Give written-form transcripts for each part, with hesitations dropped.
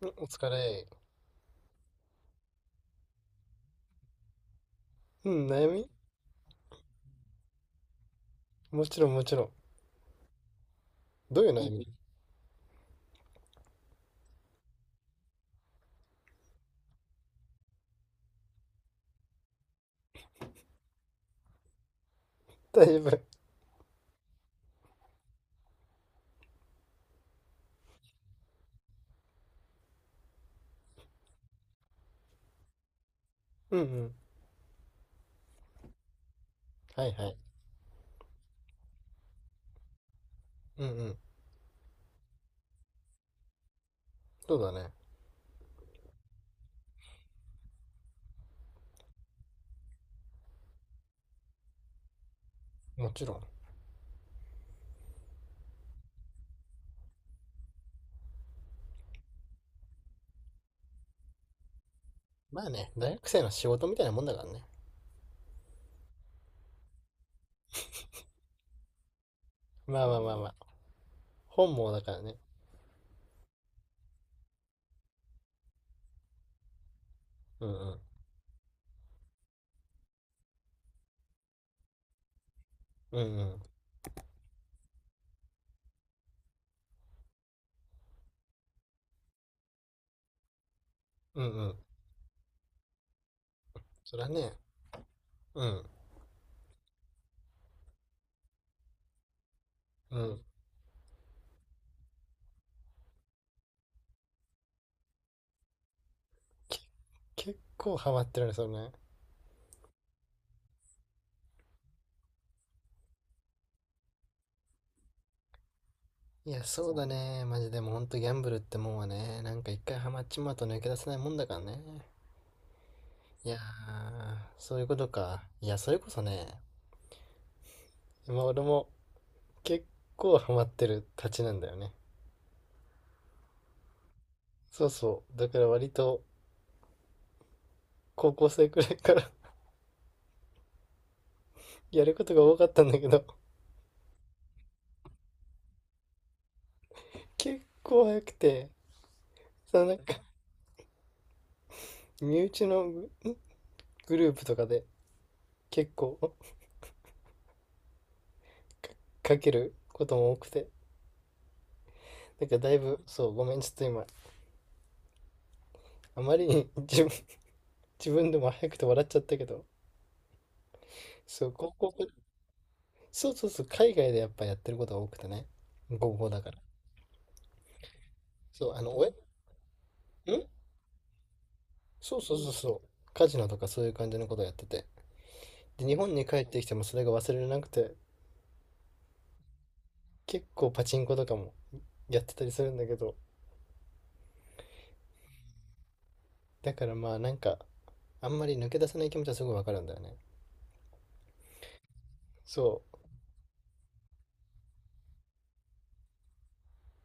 うん、お疲れ。うん、悩み。もちろんもちろん。どういう悩み？ 大丈夫。うんうん。はいはい。うんうん。そうだね。もちろん。まあね、大学生の仕事みたいなもんだからね。まあまあまあまあ。本望だからね。うんうん。うんうん。うんうん。そらね。うんうん。け、結構ハマってるね、それね。いや、そうだね。マジでもうほんとギャンブルってもんはね、なんか一回ハマっちまうと抜け出せないもんだからね。いやー、そういうことか。いや、それこそね、今俺も結構ハマってるたちなんだよね。そうそう。だから割と高校生くらいから やることが多かったんだけど、結構早くて、そのなんか身内のグループとかで結構 かけることも多くて、なんかだいぶ、そう、ごめん、ちょっと今、あまりに 自分でも早くて笑っちゃったけど、そう、そうそうそう、海外でやっぱやってることが多くてね、高校だから。そう、あの、おえ、んそうそうそうそう、カジノとかそういう感じのことやってて。で、日本に帰ってきてもそれが忘れなくて、結構パチンコとかもやってたりするんだけど、だからまあなんか、あんまり抜け出せない気持ちはすごいわかるんだよね。そ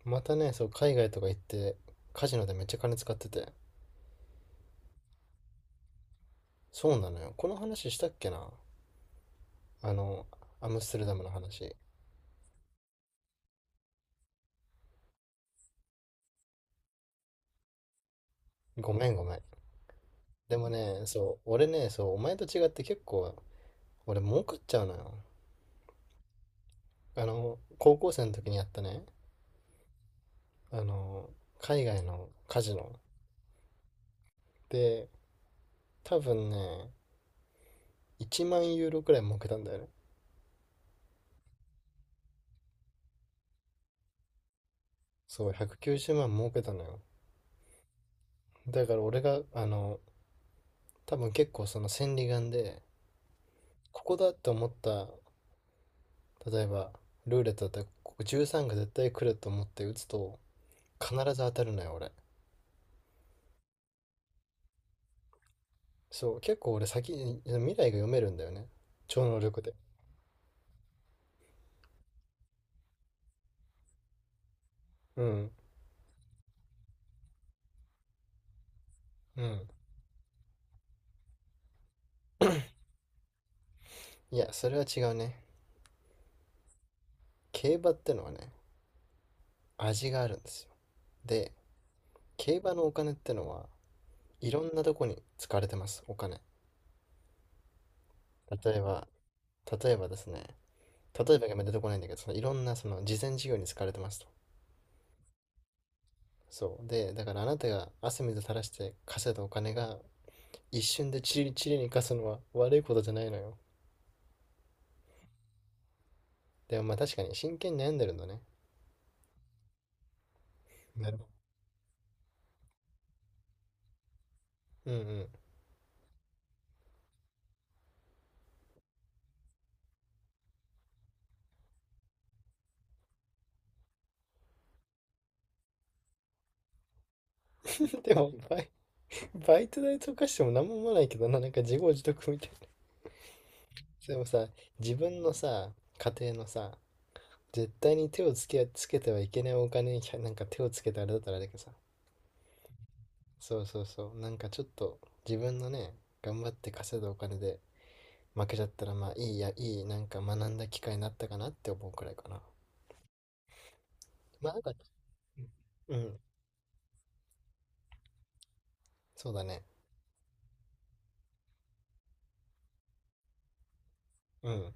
う。またね、そう、海外とか行って、カジノでめっちゃ金使ってて。そうなのよ。この話したっけな、あの、アムステルダムの話。ごめんごめん。でもね、そう、俺ね、そう、お前と違って結構、俺儲かっちゃうのよ。あの、高校生の時にやったね、あの、海外のカジノ。で、多分ね、1万ユーロくらい儲けたんだよね。そう、190万儲けたのよ。だから俺が、あの、多分結構その千里眼で、ここだって思った、例えば、ルーレットだったら、ここ13が絶対来ると思って打つと、必ず当たるのよ、俺。そう、結構俺先に、未来が読めるんだよね。超能力で。うん、うん。いや、それは違うね。競馬ってのはね、味があるんですよ。で、競馬のお金ってのは、いろんなとこに使われてます、お金。例えば、例えばですね、例えばがあんまり出てこないんだけど、そのいろんなその慈善事業に使われてますと。そう。で、だからあなたが汗水垂らして稼いだお金が一瞬でチリチリに貸すのは悪いことじゃないのよ。でもまあ確かに真剣に悩んでるんだね。なるほど。うんうん。でもバイト代とかしても何も思わないけどな、なんか自業自得みたいな。でもさ、自分のさ、家庭のさ、絶対に手をつけ、つけてはいけないお金になんか手をつけてあれだったらあれだけどさ、そうそうそう、なんかちょっと自分のね、頑張って稼いだお金で負けちゃったら、まあいいや、なんか学んだ機会になったかなって思うくらいかな。まあなんか、うん、そうだね。うん。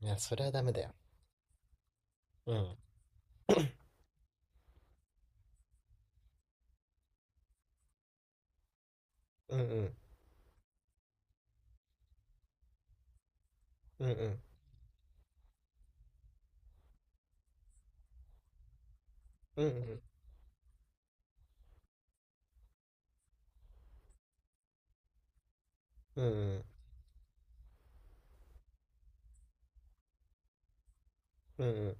いや、それはダメだよ。うん。 うん、うん、うん、うん、うん、うん、うん、うん、うん、うん。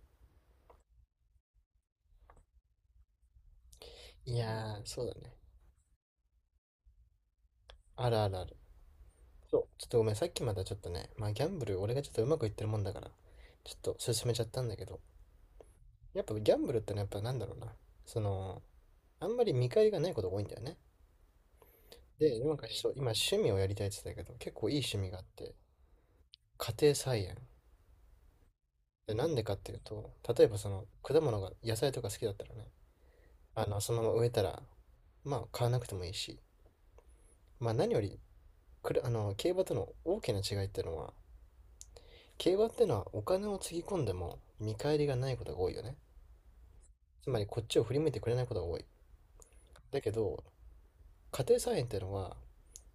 いやー、そうだね。あるあるある。そう、ちょっとごめん、さっきまだちょっとね、まあギャンブル俺がちょっとうまくいってるもんだから、ちょっと進めちゃったんだけど、やっぱギャンブルってのは、やっぱなんだろうな、そのあんまり見返りがないことが多いんだよね。で、なんかそう、今趣味をやりたいって言ってたけど、結構いい趣味があって、家庭菜園。で、なんでかっていうと、例えばその果物が、野菜とか好きだったらね、あの、そのまま植えたら、まあ買わなくてもいいし、まあ何より、くるあの、競馬との大きな違いっていうのは、競馬っていうのはお金をつぎ込んでも見返りがないことが多いよね。つまりこっちを振り向いてくれないことが多い。だけど、家庭菜園っていうのは、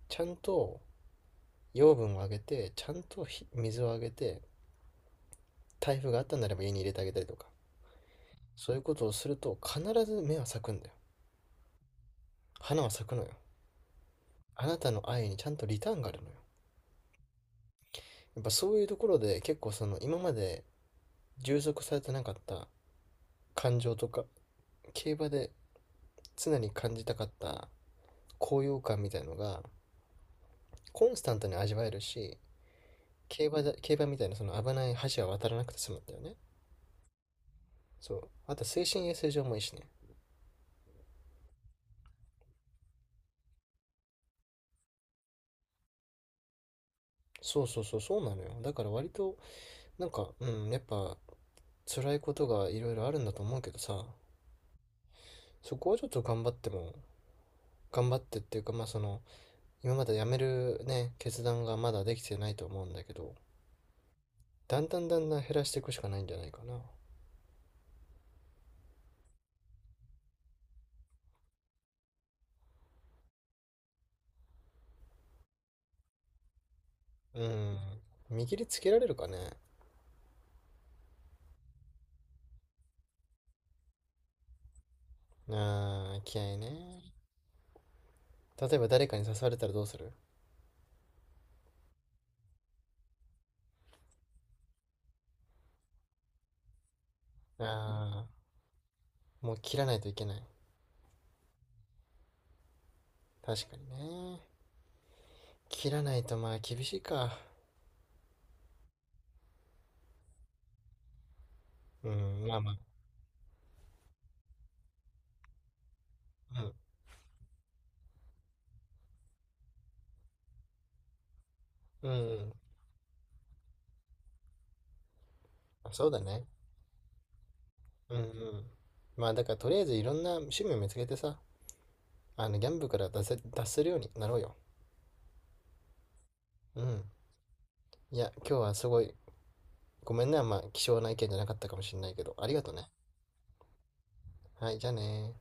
ちゃんと養分をあげて、ちゃんと水をあげて、台風があったんならば家に入れてあげたりとか、そういうことをすると必ず芽は咲くんだよ。花は咲くのよ。あなたの愛にちゃんとリターンがあるのよ。やっぱそういうところで結構その今まで充足されてなかった感情とか、競馬で常に感じたかった高揚感みたいのがコンスタントに味わえるし、競馬だ競馬みたいなその危ない橋は渡らなくて済むんだよね。そう。あと精神衛生上もいいしね。そうそうそう、そうなのよ。だから割と、なんか、うん、やっぱ辛いことがいろいろあるんだと思うけどさ、そこはちょっと頑張っても、頑張ってっていうか、まあその、今まで辞めるね、決断がまだできてないと思うんだけど、だんだんだんだん減らしていくしかないんじゃないかな。うん。見切りつけられるかね。あー気合いね。例えば誰かに刺されたらどうする？ああ、もう切らないといけない。確かにね。切らないとまあ厳しいか。うん、まあまあ。うん、うん、うん。そうだね。うん、うん。まあだからとりあえずいろんな趣味を見つけてさ、あの、ギャンブルから出せるようになろうよ。うん。いや、今日はすごい、ごめんね、あんま、貴重な意見じゃなかったかもしれないけど、ありがとね。はい、じゃあねー